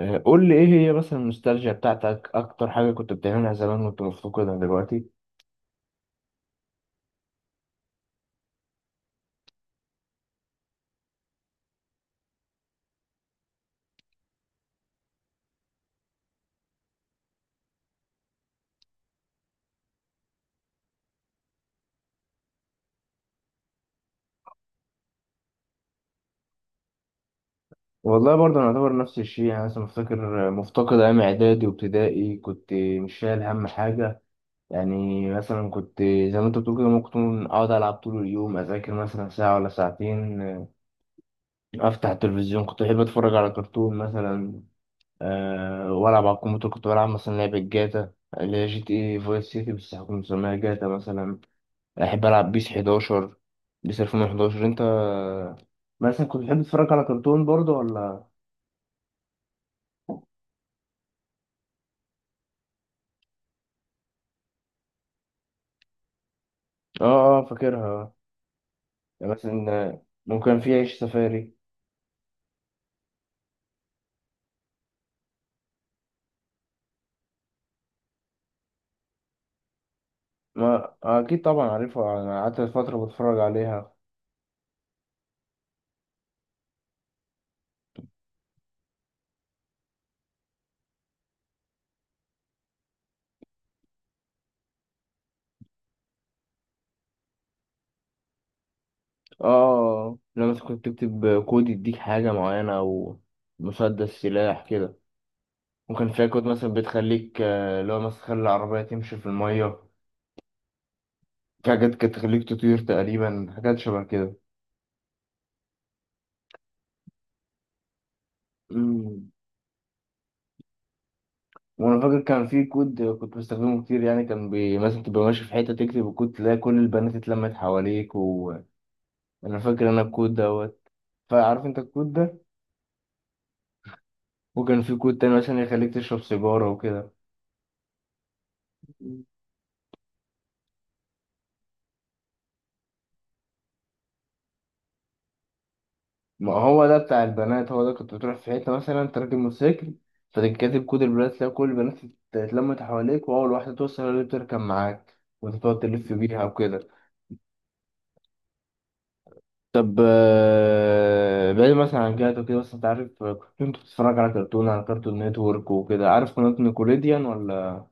قول لي ايه هي مثلا النوستالجيا بتاعتك، اكتر حاجه كنت بتعملها زمان وانت مفتقدها دلوقتي؟ والله برضه انا اعتبر نفس الشيء، يعني مثلا مفتكر مفتقد ايام اعدادي وابتدائي، كنت مش شايل هم حاجه. يعني مثلا كنت زي ما انت بتقول كده، ممكن اقعد العب طول اليوم، اذاكر مثلا ساعه ولا ساعتين. افتح التلفزيون، كنت بحب اتفرج على كرتون مثلا. أه والعب على الكمبيوتر، كنت بلعب مثلا لعبه جاتا اللي هي جي تي اي فايس سيتي، بس كنت مسميها جاتا مثلا. بحب ألعب بيس 11، بيس 2011. أنت مثلا كنت بتحب تتفرج على كرتون برضه ولا؟ آه آه، فاكرها. يعني مثلا ممكن في عيش سفاري. ما أكيد طبعا عارفها، أنا قعدت فترة بتفرج عليها. آه، لما مثلا كنت تكتب كود يديك حاجة معينة أو مسدس سلاح كده. وكان فيها كود مثلا بتخليك، اللي هو مثلا تخلي العربية تمشي في المية. في حاجات كانت تخليك تطير تقريبا، حاجات شبه كده. وانا فاكر كان في كود كنت بستخدمه كتير، يعني كان مثلا تبقى ماشي في حته، تكتب الكود تلاقي كل البنات اتلمت حواليك. وانا فاكر انا الكود دوت. فعارف انت الكود ده؟ وكان في كود تاني مثلا يخليك تشرب سيجاره وكده. ما هو ده بتاع البنات، هو ده كنت بتروح في حته مثلا تركب موتوسيكل، فتكتب كود البنات، تلاقي كل البنات اتلمت حواليك، واول واحده توصل هي اللي بتركب معاك وانت تقعد تلف بيها وكده. طب بعيد مثلا عن جهته كده وكده، بس انت عارف، كنت بتتفرج على كرتون، على كرتون نتورك وكده. عارف قناة نيكوليديان ولا؟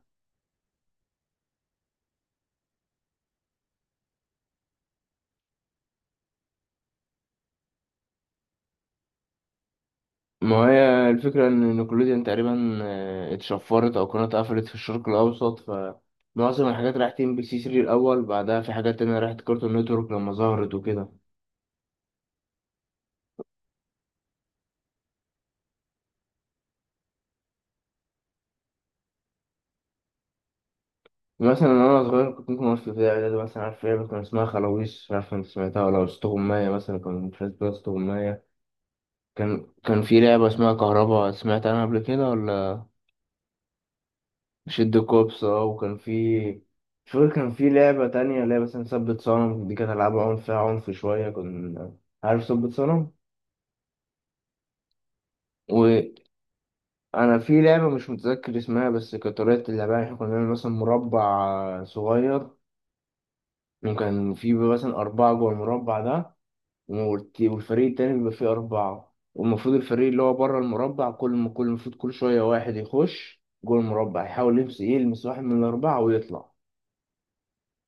ما هي الفكرة ان نيكوليديان تقريبا اتشفرت او قناة قفلت في الشرق الاوسط، فمعظم الحاجات راحت ام بي سي 3 الاول، بعدها في حاجات تانية راحت كرتون نتورك لما ظهرت وكده. مثلا انا صغير كنت ممكن اوصل في ابتدائي ده، مثلا عارف ايه كان اسمها؟ خلاويص. مش عارف انت سمعتها ولا؟ اسطوغماية مثلا، كان في اسطوغماية. كان في لعبة اسمها كهربا، سمعت عنها قبل كده ولا؟ شد كوبس. اه، وكان في، مش فاكر، كان في لعبة تانية اللي هي مثلا ثبت صنم. دي كانت ألعاب عنف، فيها عنف شوية كنا. عارف ثبت صنم؟ وأنا في لعبة مش متذكر اسمها، بس كانت طريقة اللعبة يعني احنا كنا بنعمل مثلا مربع صغير، وكان في مثلا أربعة جوه المربع ده، والفريق التاني بيبقى فيه أربعة، والمفروض الفريق اللي هو بره المربع كل ما كل المفروض كل شوية واحد يخش جوه المربع يحاول يلمس، يلمس واحد من الأربعة ويطلع،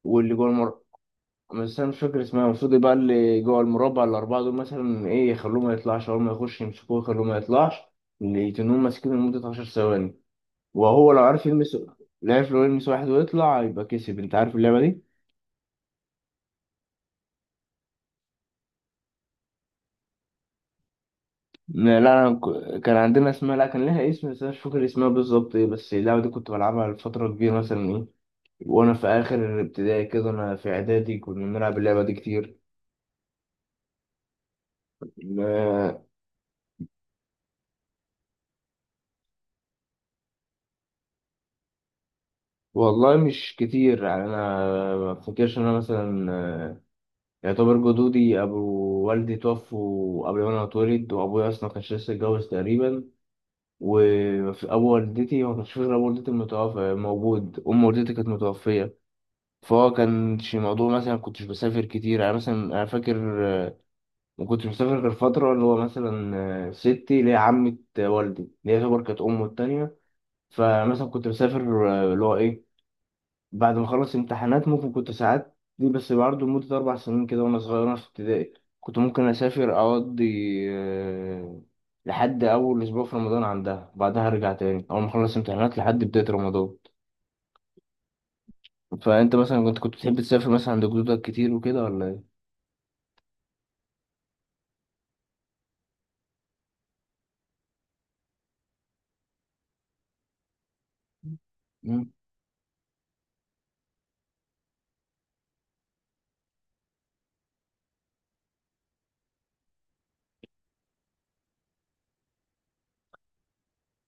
واللي جوه المربع، بس انا مش فاكر اسمها. المفروض يبقى اللي جوه المربع الاربعه دول مثلا ايه، يخلوه ما يطلعش، اول ما يخش يمسكوه يخلوه ما يطلعش. اللي يتنوهم ماسكينه لمده 10 ثواني، وهو لو عرف يلمس، لو عرف لو يلمس واحد ويطلع يبقى كسب. انت عارف اللعبه دي؟ لا لا، أنا كان عندنا اسمها، لا كان لها اسم، بس انا مش فاكر اسمها بالظبط ايه، بس اللعبه دي كنت بلعبها لفتره كبيره مثلا ايه. وانا في اخر ابتدائي كده، انا في اعدادي كنا بنلعب اللعبه دي كتير. ما والله مش كتير يعني، انا ما افتكرش ان انا مثلا يعتبر جدودي، أبو والدي توفوا قبل ما أنا أتولد، وأبويا أصلا ما كانش لسه اتجوز تقريبا. وأبو والدتي ما كانش فيه غير أبو والدتي المتوفى موجود، أم والدتي كانت متوفية. فهو كانش موضوع مثلا، كنتش بسافر كتير يعني. مثلا أنا فاكر، ما كنتش بسافر غير فترة اللي هو مثلا ستي اللي هي عمة والدي اللي هي يعتبر كانت أمه التانية. فمثلا كنت بسافر، اللي هو إيه، بعد ما خلصت امتحانات ممكن كنت ساعات دي، بس برضه لمدة أربع سنين كده، وأنا صغير وأنا في ابتدائي كنت ممكن أسافر أقضي آه، لحد أول أسبوع في رمضان عندها، بعدها أرجع تاني. أول ما أخلص امتحانات لحد بداية رمضان. فأنت مثلا كنت بتحب تسافر مثلا عند جدودك كتير وكده ولا إيه؟ مم.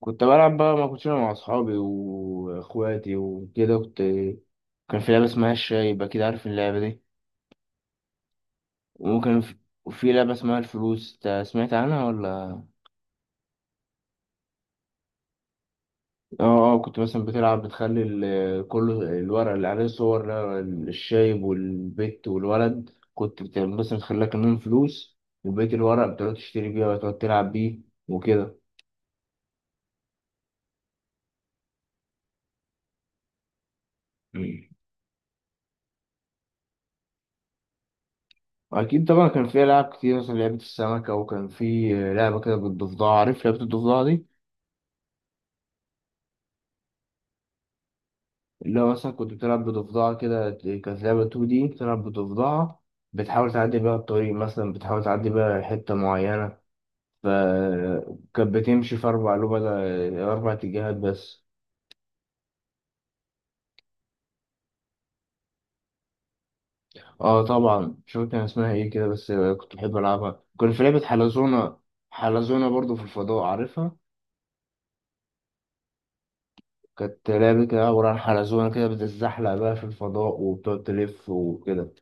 كنت بلعب بقى، ما كنتش أنا مع أصحابي وإخواتي وكده كنت. كان في لعبة اسمها الشاي يبقى كده، عارف اللعبة دي؟ وممكن في في لعبة اسمها الفلوس، إنت سمعت عنها؟ اه. اه كنت مثلا بتلعب، بتخلي كل الورق اللي عليه صور، الشايب والبت والولد، مثلا تخليها كمان فلوس، وبقية الورق بتقعد تشتري بيه وتقعد تلعب بيه وكده. مم. أكيد طبعا، كان في ألعاب كتير مثلا لعبة السمكة، وكان في لعبة كده بالضفدعة. عارف لعبة الضفدعة دي؟ اللي هو مثلا كنت بتلعب بضفدعة كده، كانت لعبة 2D بتلعب بضفدعة، بتحاول تعدي بيها الطريق مثلا، بتحاول تعدي بيها حتة معينة، فكانت بتمشي في أربع لوبة، أربع اتجاهات بس. اه طبعا، مش فاكر كان اسمها ايه كده، بس كنت بحب ألعبها. كان في لعبة حلزونة، حلزونة برضو في الفضاء، عارفها؟ كانت لعبة كده عبارة عن حلزونة كده بتتزحلق بقى في الفضاء وبتقعد تلف وكده.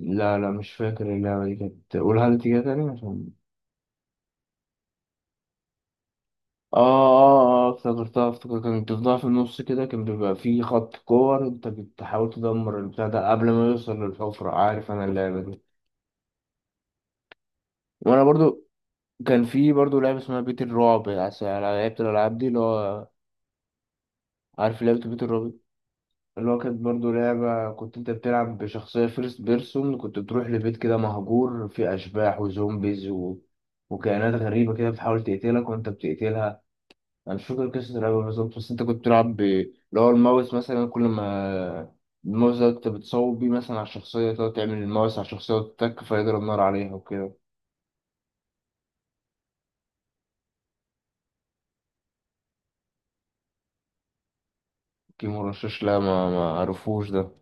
لا لا مش فاكر اللعبة دي، كانت قولها لي تاني تاني عشان. اه اه اه، افتكرتها، افتكرت كانت بتفضل في النص كده، كان بيبقى في خط كور انت بتحاول تدمر البتاع ده قبل ما يوصل للحفرة. عارف انا اللعبة دي. وانا برضو كان في برضه لعبة اسمها بيت الرعب. أنا لعبت الألعاب دي اللي هو، عارف لعبة بيت الرعب؟ اللي هو كانت برضه لعبة كنت أنت بتلعب بشخصية فيرست بيرسون، كنت بتروح لبيت كده مهجور فيه أشباح وزومبيز وكائنات غريبة كده بتحاول تقتلك وأنت بتقتلها. أنا مش فاكر قصة اللعبة بالظبط، بس أنت كنت بتلعب اللي هو الماوس مثلا، كل ما الماوس ده أنت بتصوب بيه مثلا على الشخصية، تقعد تعمل الماوس على الشخصية وتتك فيضرب نار عليها وكده. كيمو رشاش، لا ما عرفوش ده.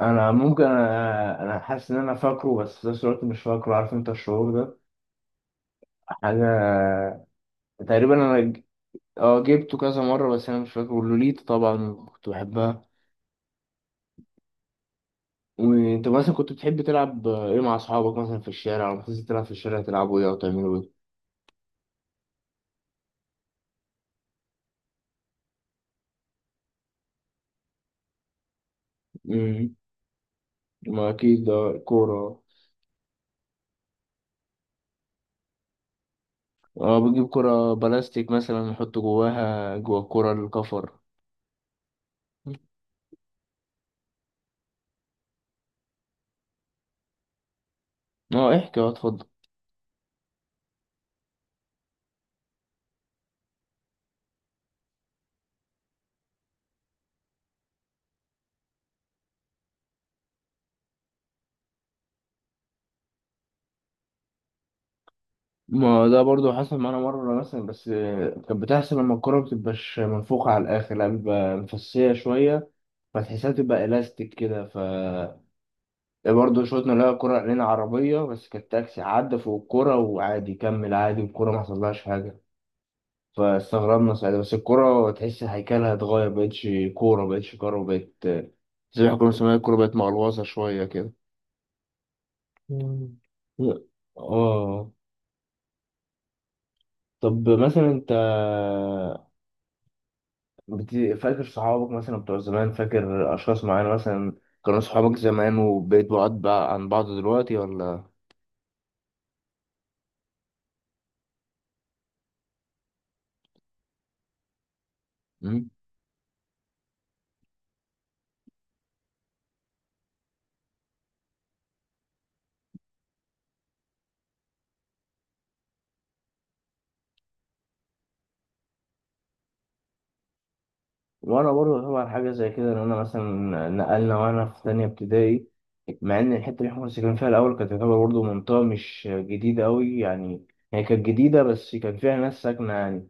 انا ممكن انا حاسس ان انا فاكره بس في نفس الوقت مش فاكره، عارف انت الشعور ده؟ حاجه، تقريبا انا اه جبته كذا مره بس انا مش فاكره. لوليتا طبعا كنت بحبها. وانت مثلا كنت بتحب تلعب ايه مع اصحابك مثلا في الشارع، لما تنزل تلعب في الشارع تلعبوا ايه او تعملوا ايه؟ امم. ما اكيد ده كوره. اه بنجيب كوره بلاستيك مثلا نحط جواها جوا الكوره الكفر. اه احكي، اه اتفضل. ما ده برضو حصل معانا مرة مثلا، بس كانت بتحصل لما الكرة مبتبقاش منفوخة على الآخر، لا بتبقى مفسية شوية، فتحسها تبقى إلاستيك كده. ف برضه شوطنا، لقى كرة علينا عربية بس كانت تاكسي عدى فوق الكرة وعادي كمل، عادي الكرة ما حصلهاش حاجة. فاستغربنا ساعتها، بس الكرة تحس هيكلها اتغير، مبقتش كورة، مبقتش كورة، بقت زي ما كنا بنسميها، الكورة بقت مقلوصة شوية كده. مم. اه. طب مثلا انت بت... فاكر صحابك مثلا بتوع زمان؟ فاكر أشخاص معينة مثلا كانوا صحابك زمان وبقيت بعاد بقى عن بعض دلوقتي ولا؟ مم. وأنا برضه طبعا حاجة زي كده، إن أنا مثلا نقلنا وأنا في تانية ابتدائي. مع إن الحتة اللي إحنا كنا ساكنين فيها الأول كانت تعتبر برضه منطقة مش جديدة أوي يعني، هي كانت جديدة بس كان فيها ناس ساكنة يعني.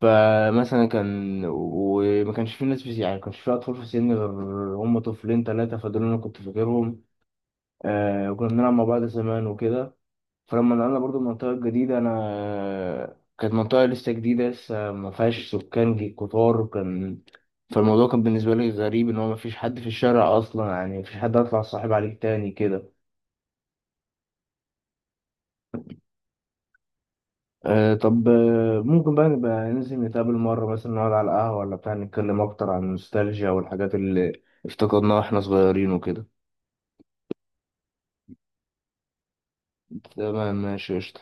فمثلا كان، وما كانش في ناس في يعني، ما كانش في أطفال في سني غير هم طفلين تلاتة، فدول أنا كنت فاكرهم. آه وكنا بنلعب مع بعض زمان وكده. فلما نقلنا برضو المنطقة الجديدة، أنا كانت منطقة لسه جديدة، لسه ما فيهاش سكان كتار كان. فالموضوع كان بالنسبة لي غريب، إن هو ما فيش حد في الشارع أصلا يعني، ما فيش حد أطلع صاحب عليك تاني كده. أه طب ممكن بقى نبقى ننزل نتقابل مرة مثلا، نقعد على القهوة ولا بتاع، نتكلم أكتر عن النوستالجيا والحاجات اللي افتقدناها واحنا صغيرين وكده. تمام ماشي قشطة.